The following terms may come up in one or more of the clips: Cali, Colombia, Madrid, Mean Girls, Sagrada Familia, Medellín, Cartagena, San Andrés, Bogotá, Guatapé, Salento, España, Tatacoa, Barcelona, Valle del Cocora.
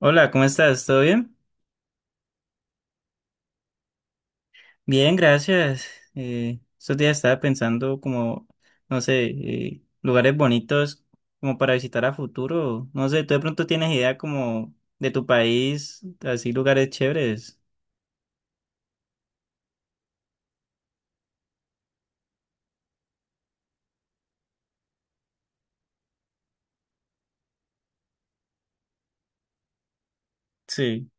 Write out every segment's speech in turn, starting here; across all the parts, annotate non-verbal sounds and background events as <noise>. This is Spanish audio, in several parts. Hola, ¿cómo estás? ¿Todo bien? Bien, gracias. Estos días estaba pensando como, no sé, lugares bonitos como para visitar a futuro. No sé, ¿tú de pronto tienes idea como de tu país, así lugares chéveres? Sí,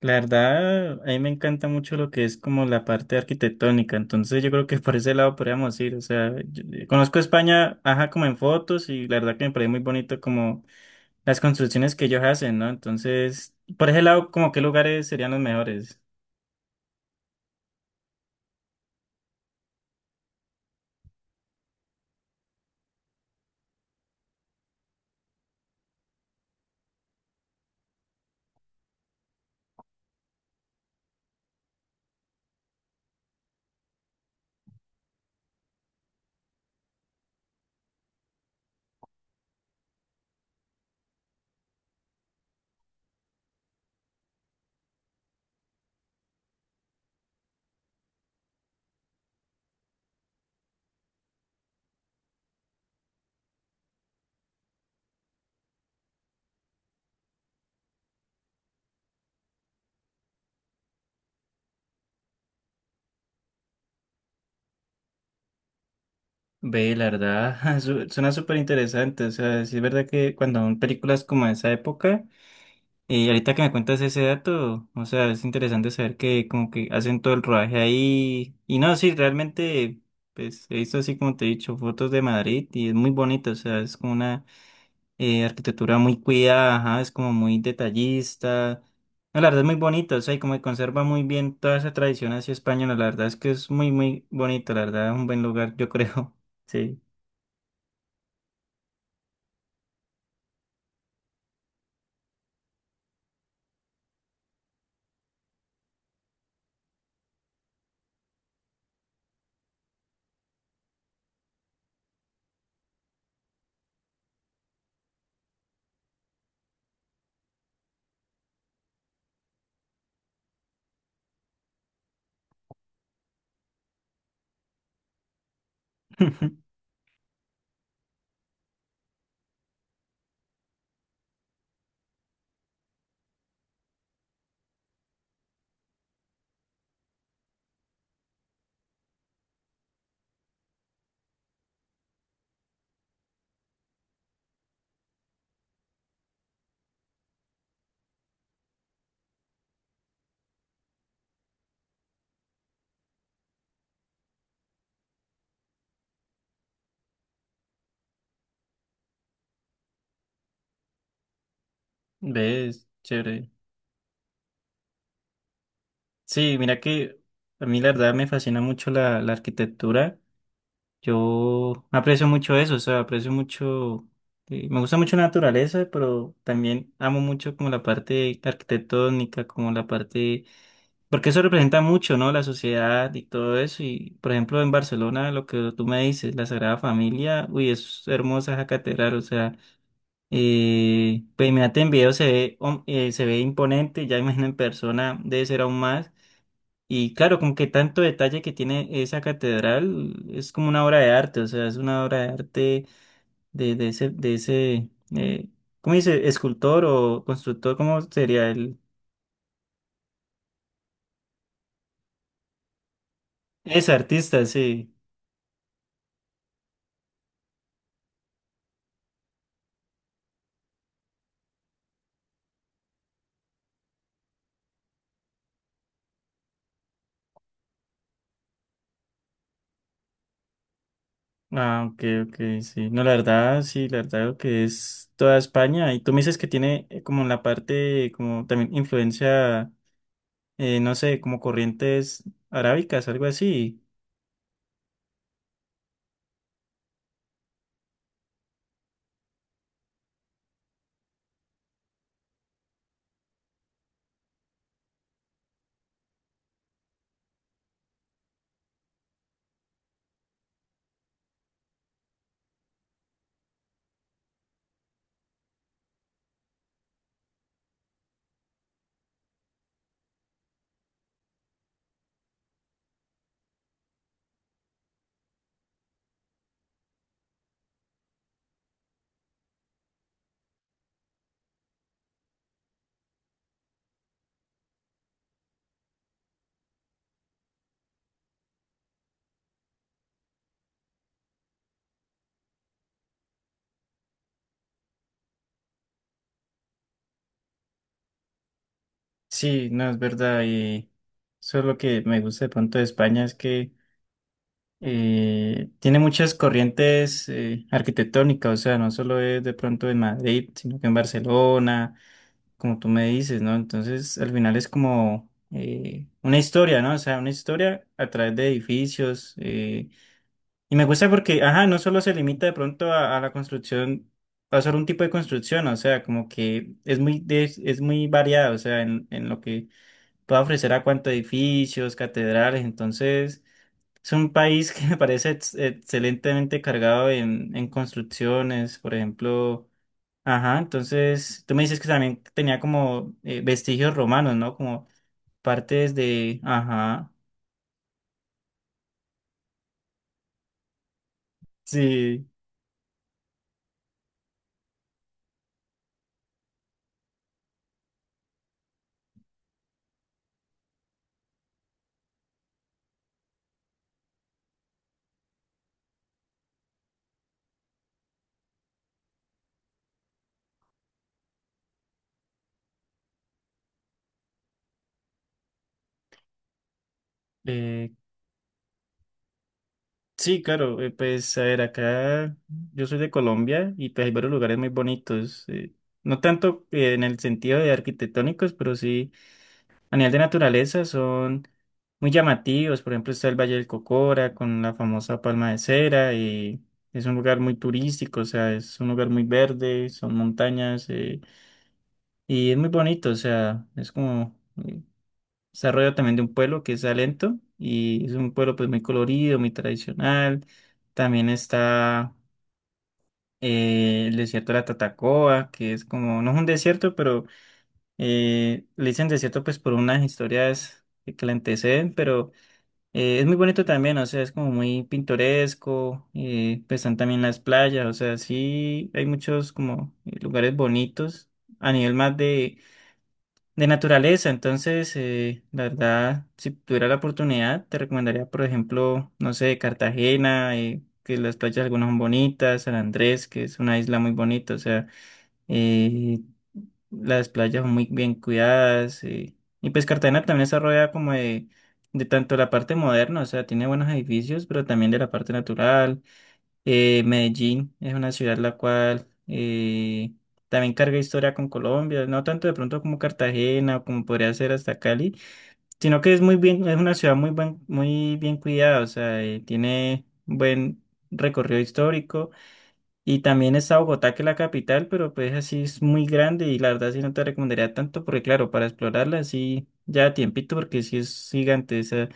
la verdad, a mí me encanta mucho lo que es como la parte arquitectónica, entonces yo creo que <laughs> por ese lado podríamos ir. O sea, conozco España, ajá, como en fotos y la verdad que me parece muy bonito como las construcciones que ellos hacen, ¿no? Entonces, por ese lado, como qué lugares serían los mejores. Ve, la verdad, <laughs> suena súper interesante. O sea, sí es verdad que cuando son películas como de esa época, y ahorita que me cuentas ese dato, o sea, es interesante saber que como que hacen todo el rodaje ahí. Y no, sí, realmente, pues he visto así como te he dicho, fotos de Madrid y es muy bonito, o sea, es como una arquitectura muy cuidada, ajá, es como muy detallista. No, la verdad es muy bonito, o sea, y como que conserva muy bien toda esa tradición así española, la verdad es que es muy, muy bonito, la verdad, es un buen lugar, yo creo. <laughs> Sí. <laughs> ¿Ves? Chévere. Sí, mira que a mí la verdad me fascina mucho la arquitectura. Yo aprecio mucho eso, o sea, aprecio mucho, me gusta mucho la naturaleza, pero también amo mucho como la parte arquitectónica, como la parte, porque eso representa mucho, ¿no? La sociedad y todo eso. Y, por ejemplo, en Barcelona, lo que tú me dices, la Sagrada Familia, uy, es hermosa esa catedral, o sea, pues imagínate en video se ve, se ve imponente, ya imagino en persona debe ser aún más. Y claro, como que tanto detalle que tiene esa catedral es como una obra de arte, o sea, es una obra de arte de ese eh, ¿cómo dice? Escultor o constructor, ¿cómo sería el? Es artista, sí. Ah, ok, ok, sí. No, la verdad, sí, la verdad lo que es toda España. Y tú me dices que tiene como la parte, como también influencia, no sé, como corrientes arábicas, algo así. Sí, no, es verdad. Y eso es lo que me gusta de pronto de España, es que tiene muchas corrientes arquitectónicas, o sea, no solo es de pronto en Madrid, sino que en Barcelona, como tú me dices, ¿no? Entonces, al final es como una historia, ¿no? O sea, una historia a través de edificios. Y me gusta porque, ajá, no solo se limita de pronto a la construcción, a solo un tipo de construcción, o sea, como que es muy, es muy variado, o sea, en lo que puede ofrecer a cuántos edificios, catedrales, entonces... Es un país que me parece excelentemente cargado en construcciones, por ejemplo. Ajá, entonces tú me dices que también tenía como vestigios romanos, ¿no? Como partes de... Ajá, sí. eh, sí, claro, pues a ver, acá yo soy de Colombia y pues hay varios lugares muy bonitos. No tanto en el sentido de arquitectónicos, pero sí. A nivel de naturaleza son muy llamativos. Por ejemplo, está el Valle del Cocora con la famosa palma de cera y es un lugar muy turístico, o sea, es un lugar muy verde, son montañas y es muy bonito, o sea, es como eh, desarrollo también de un pueblo que es Salento y es un pueblo pues muy colorido, muy tradicional. También está el desierto de la Tatacoa, que es como, no es un desierto, pero le dicen desierto pues por unas historias que la anteceden, pero... es muy bonito también, o sea, es como muy pintoresco, pues están también las playas, o sea, sí hay muchos como lugares bonitos a nivel más de naturaleza, entonces, la verdad, si tuviera la oportunidad, te recomendaría, por ejemplo, no sé, Cartagena, que las playas algunas son bonitas, San Andrés, que es una isla muy bonita, o sea y las playas son muy bien cuidadas. Y pues Cartagena también está rodeada como de tanto la parte moderna, o sea, tiene buenos edificios, pero también de la parte natural. Medellín es una ciudad la cual también carga historia con Colombia, no tanto de pronto como Cartagena o como podría ser hasta Cali, sino que es muy bien, es una ciudad muy bien cuidada, o sea, tiene buen recorrido histórico. Y también está Bogotá, que es la capital, pero pues así es muy grande y la verdad sí no te recomendaría tanto porque claro, para explorarla sí ya a tiempito porque sí es gigante esa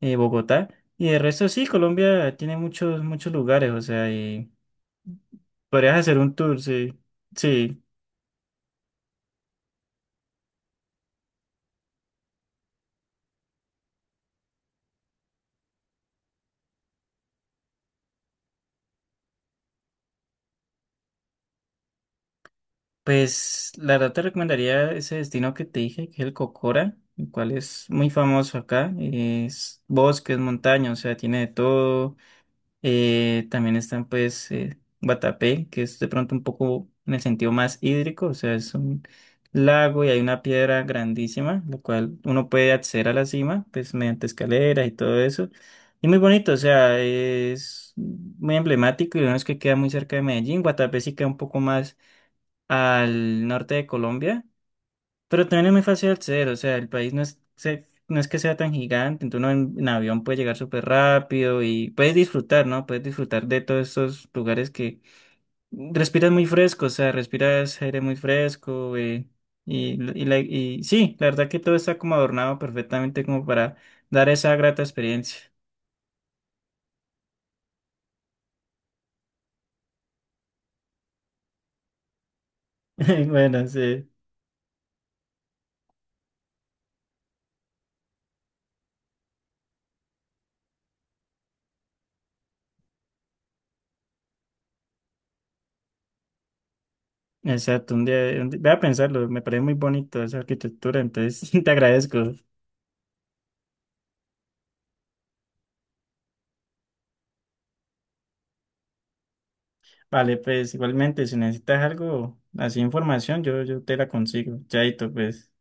Bogotá. Y de resto sí, Colombia tiene muchos, muchos lugares, o sea, y podrías hacer un tour, sí. Sí, pues la verdad te recomendaría ese destino que te dije, que es el Cocora, el cual es muy famoso acá, es bosques, montañas, o sea, tiene de todo. También están pues Guatapé, que es de pronto un poco en el sentido más hídrico, o sea, es un lago y hay una piedra grandísima, la cual uno puede acceder a la cima, pues mediante escaleras y todo eso. Y muy bonito, o sea, es muy emblemático y lo bueno es que queda muy cerca de Medellín. Guatapé sí queda un poco más al norte de Colombia, pero también es muy fácil acceder, o sea, el país no es, no es que sea tan gigante, entonces uno en avión puede llegar súper rápido y puedes disfrutar, ¿no? Puedes disfrutar de todos estos lugares que respiras muy fresco, o sea, respiras aire muy fresco, y, y sí, la verdad que todo está como adornado perfectamente como para dar esa grata experiencia. <laughs> Bueno, sí. Exacto, un día, voy a pensarlo, me parece muy bonito esa arquitectura, entonces <laughs> te agradezco. Vale, pues igualmente, si necesitas algo, así información, yo te la consigo. Chaito, pues.